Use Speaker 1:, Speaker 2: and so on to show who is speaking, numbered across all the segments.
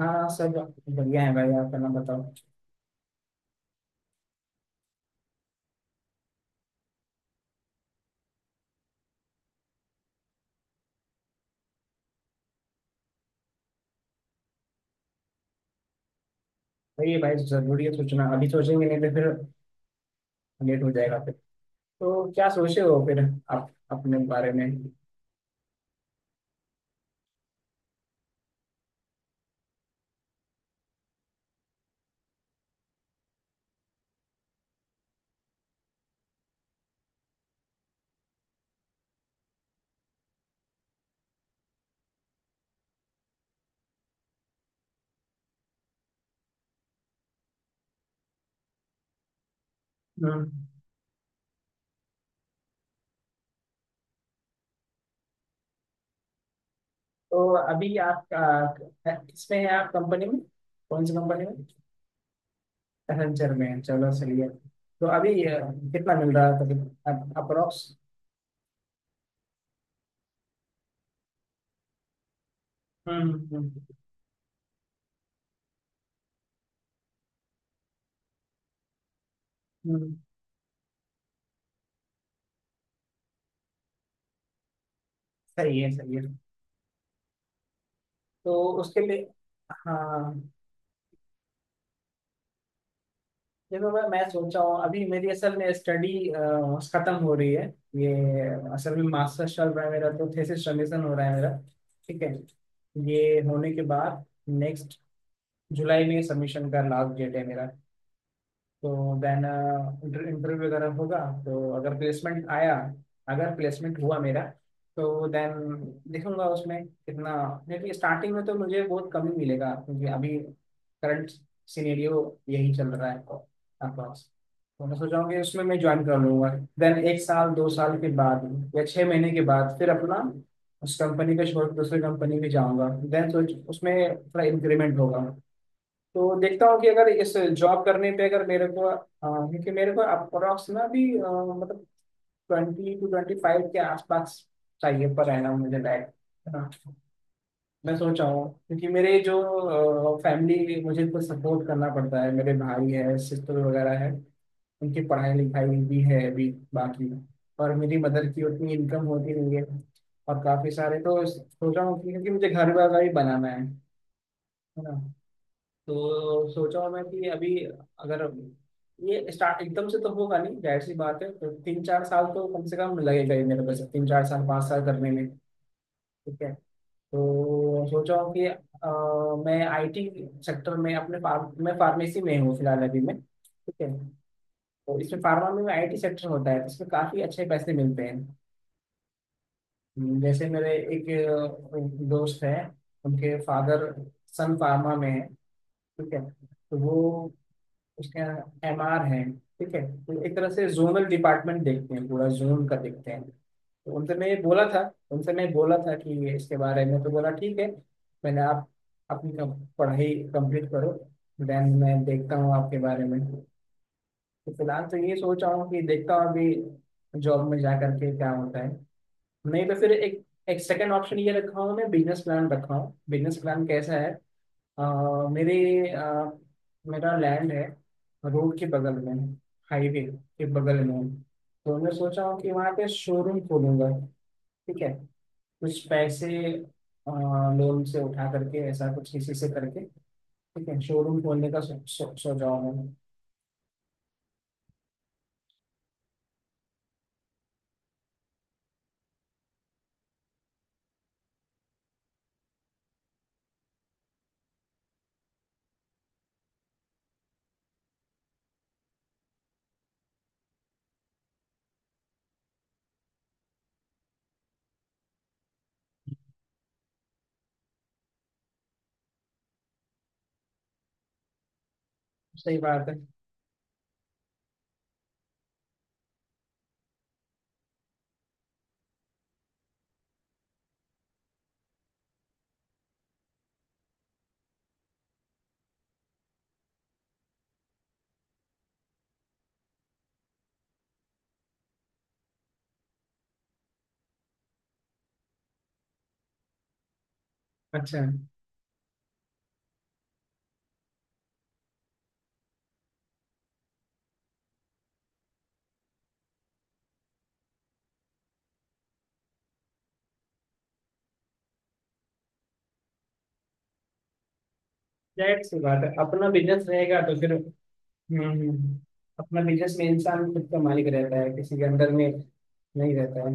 Speaker 1: हाँ, सब बढ़िया है भाई। आप अपना बताओ। वही है भाई, जरूरी है सोचना। अभी सोचेंगे नहीं तो फिर लेट हो जाएगा। फिर तो क्या सोचे हो फिर आप अपने बारे में? हम्म। तो अभी आप किसमें है, आप कंपनी में? कौन सी कंपनी में? पैसेंजर में हैं। चलो सही है। तो अभी कितना मिल रहा है अप्रोक्स? हम्म हम्म हम्म, सही है, सही है। तो उसके लिए हाँ, देखो मैं सोचा हूँ अभी मेरी असल में स्टडी खत्म हो रही है। ये असल में मास्टर्स चल रहा है मेरा, तो थेसिस सबमिशन हो रहा है मेरा। ठीक है। ये होने के बाद नेक्स्ट जुलाई में सबमिशन का लास्ट डेट है मेरा। तो देन इंटरव्यू वगैरह होगा। तो अगर प्लेसमेंट आया, अगर प्लेसमेंट हुआ मेरा तो देन देखूंगा उसमें कितना, क्योंकि स्टार्टिंग में तो मुझे बहुत कम ही मिलेगा, क्योंकि अभी करंट सिनेरियो यही चल रहा है अप्रॉक्स। तो मैं सोचा हूं कि उसमें मैं ज्वाइन कर लूंगा। देन एक साल दो साल के बाद या 6 महीने के बाद फिर अपना उस कंपनी को छोड़ के दूसरी कंपनी में जाऊंगा। देन सोच उसमें थोड़ा इंक्रीमेंट होगा। तो देखता हूँ कि अगर इस जॉब करने पे अगर मेरे को क्योंकि मेरे को अप्रोक्स ना भी मतलब 22-25 के आसपास चाहिए पर रहना मुझे, लाइक हाँ, मैं सोच रहा हूँ, क्योंकि मेरे जो फैमिली, मुझे इनको सपोर्ट करना पड़ता है। मेरे भाई है, सिस्टर वगैरह है। उनकी पढ़ाई लिखाई भी है अभी बाकी। और मेरी मदर की उतनी इनकम होती नहीं है और काफी सारे, तो सोच रहा हूँ कि- क्योंकि मुझे घर वगैरह भी बनाना है ना। तो सोचा हुआ मैं कि अभी अगर ये स्टार्ट एकदम से तो होगा नहीं, जाहिर सी बात है। तो तीन चार साल तो कम से कम लगेगा ही मेरे पास, 3-4 साल 5 साल करने में। ठीक है। तो सोचा हूँ कि मैं आईटी सेक्टर में अपने फार्म, मैं फार्मेसी में हूँ फिलहाल अभी मैं, ठीक है। तो इसमें फार्मा में आईटी सेक्टर होता है, तो इसमें काफ़ी अच्छे पैसे मिलते हैं। जैसे मेरे एक दोस्त है। उनके फादर सन फार्मा में है, ठीक है। तो वो उसके यहाँ MR है। ठीक है, तो एक तरह से जोनल डिपार्टमेंट देखते हैं, पूरा जोन का देखते हैं। तो उनसे मैं ये बोला था, उनसे मैं बोला था कि ये इसके बारे में, तो बोला ठीक है। मैंने आप अपनी पढ़ाई कंप्लीट करो, देन मैं देखता हूँ आपके बारे में। तो फिलहाल तो ये सोच रहा हूँ कि देखता हूँ अभी जॉब में जा करके क्या होता है। नहीं तो फिर एक एक सेकेंड ऑप्शन ये रखा हूँ मैं, बिजनेस प्लान रखा हूँ। बिजनेस प्लान कैसा है, अ, मेरे अ, मेरा लैंड है रोड के बगल में, हाईवे के बगल में। तो मैं सोचा हूँ कि वहाँ पे शोरूम खोलूंगा, ठीक है। कुछ पैसे लोन से उठा करके, ऐसा कुछ किसी से करके, ठीक है, शोरूम खोलने का सोचा हूँ मैंने। सही बात है। अच्छा। जाहिर सी बात है अपना बिजनेस रहेगा तो फिर हम्म। हम्म। हम्म, अपना बिजनेस में इंसान खुद का मालिक रहता है, किसी के अंदर में नहीं रहता है।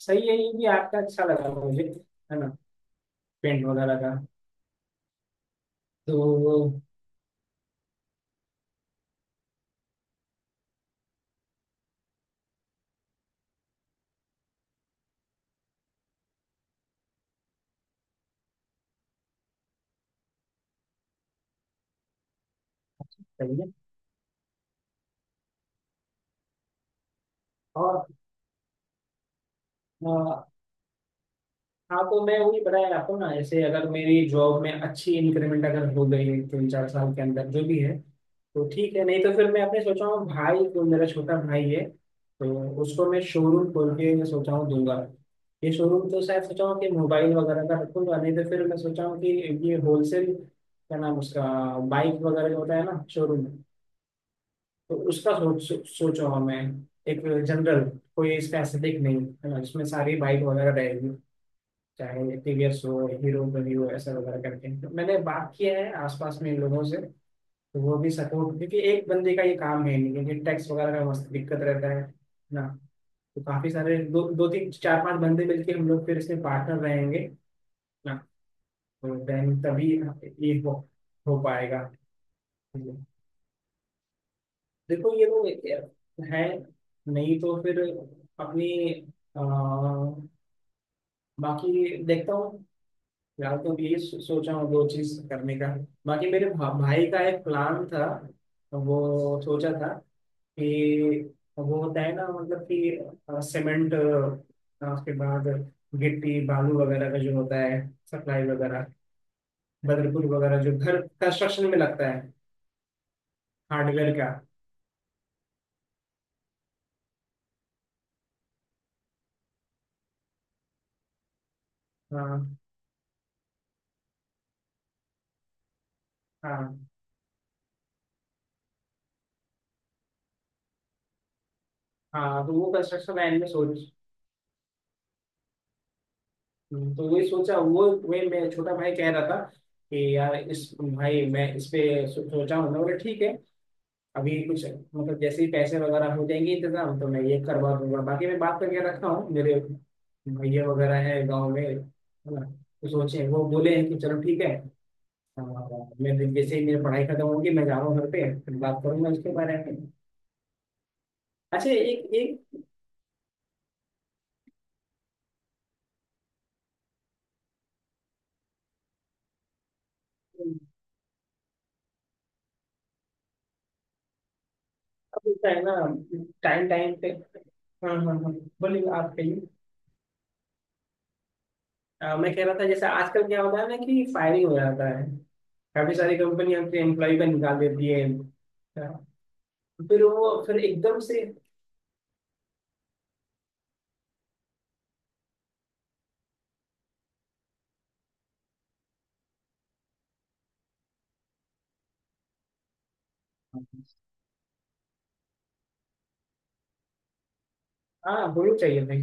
Speaker 1: सही है, ये भी आपका अच्छा लगा मुझे, है ना, पेंट वगैरह का। तो वो सही है। और अ, हाँ तो मैं वही बताया आपको ना, ऐसे अगर मेरी जॉब में अच्छी इंक्रीमेंट अगर हो गई है तीन चार साल के अंदर जो भी है, तो ठीक है। नहीं तो फिर मैं अपने सोचा हूँ, भाई जो मेरा छोटा भाई है, तो उसको मैं शोरूम खोल के मैं सोचा हूँ दूंगा। ये शोरूम तो शायद सोचा हूँ कि मोबाइल वगैरह का रखूंगा, नहीं तो फिर मैं सोचा हूँ कि ये होलसेल, क्या नाम उसका, बाइक वगैरह जो होता है ना शोरूम, तो उसका सोच सोच- सोचा हुआ मैं, एक जनरल, कोई इसका एस्थेटिक नहीं, है ना, जिसमें सारी बाइक वगैरह रहेगी, चाहे टीवीएस हो, हीरो, हीरो ऐसा वगैरह करके। तो मैंने बात किया है आसपास में इन लोगों से, तो वो भी सपोर्ट, क्योंकि एक बंदे का ये काम है नहीं, क्योंकि टैक्स वगैरह का मस्त दिक्कत रहता है ना। तो काफी सारे 2-2 3 4 5 बंदे मिलके हम लोग फिर इसमें पार्टनर रहेंगे ना, तो then तभी ये हो पाएगा। देखो ये लोग एक- हैं। नहीं तो फिर अपनी आ, बाकी देखता हूँ यार। तो ये सोचा हूँ दो चीज करने का। बाकी मेरे भाई का एक प्लान था। वो सोचा था कि वो होता है ना मतलब कि सीमेंट, उसके बाद गिट्टी बालू वगैरह का जो होता है सप्लाई वगैरह, बदरपुर वगैरह जो घर कंस्ट्रक्शन में लगता है, हार्डवेयर का। हाँ हाँ हाँ, तो वो कंस्ट्रक्शन लाइन में सोच। तो वही सोचा, वो वही मैं छोटा भाई कह रहा था कि यार इस, भाई मैं इस पे सोचा हूँ। मैं बोला ठीक है, अभी कुछ मतलब जैसे ही पैसे वगैरह हो जाएंगे इंतजाम, तो मैं ये करवा दूंगा। बाकी मैं बात करके रखा हूँ, मेरे भैया वगैरह है, गाँव में है ना, तो सोचे वो बोले हैं कि चलो ठीक है। हाँ, जैसे ही मेरी पढ़ाई खत्म होगी मैं जा रहा हूँ घर पे, फिर बात करूंगा उसके बारे में। अच्छा, एक एक। अब होता है ना, टाइम टाइम पे। हाँ हाँ हाँ, बोलिए आप, कहिए। मैं कह रहा था जैसे आजकल क्या होता है ना कि फायरिंग हो जाता है, काफी सारी कंपनी अपने एम्प्लॉय का निकाल देती है। हाँ, फिर वो फिर एकदम से। हाँ, होनी चाहिए भाई।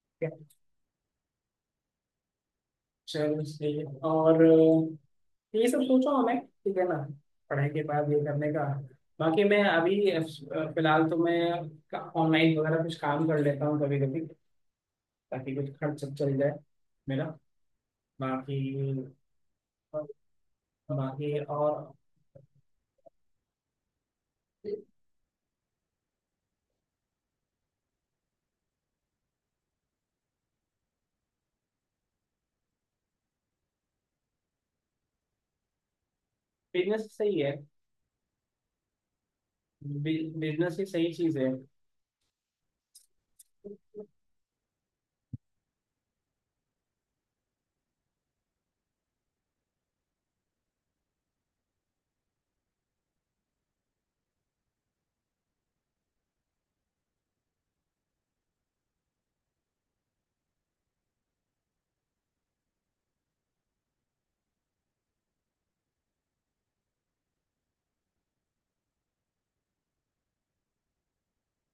Speaker 1: क्या- चलो सही है। और ये सब सोचा हमें, ठीक है ना, पढ़ाई के बाद ये करने का। बाकी मैं अभी फिलहाल तो मैं ऑनलाइन वगैरह कुछ काम कर लेता हूँ कभी कभी, ताकि कुछ खर्च सब चल जाए मेरा। बाकी, बाकी और, बिजनेस सही है, बिजनेस ही सही चीज है।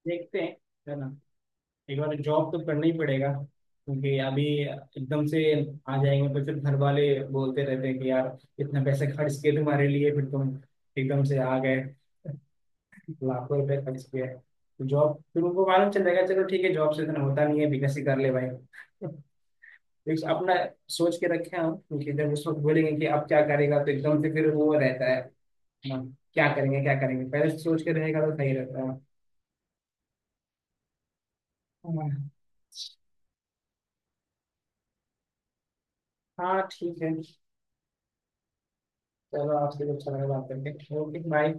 Speaker 1: देखते हैं, है ना, एक बार जॉब तो करना ही पड़ेगा, क्योंकि अभी एकदम से आ जाएंगे तो फिर घर वाले बोलते रहते हैं कि यार इतना पैसे खर्च किए तुम्हारे लिए, फिर तुम एकदम से आ गए, लाखों रुपए खर्च किए। तो जॉब फिर उनको मालूम चल जाएगा, चलो ठीक है जॉब से इतना होता नहीं है, बिजनेस ही कर ले भाई। एक अपना सोच के रखे हम, क्योंकि जब उस वक्त बोलेंगे कि अब क्या करेगा, तो एकदम से फिर वो रहता है, हाँ, क्या करेंगे क्या करेंगे। पहले से सोच के रहेगा तो सही रहता है। हाँ हाँ ठीक है, चलो आपसे कुछ समय बात करके, ओके बाय।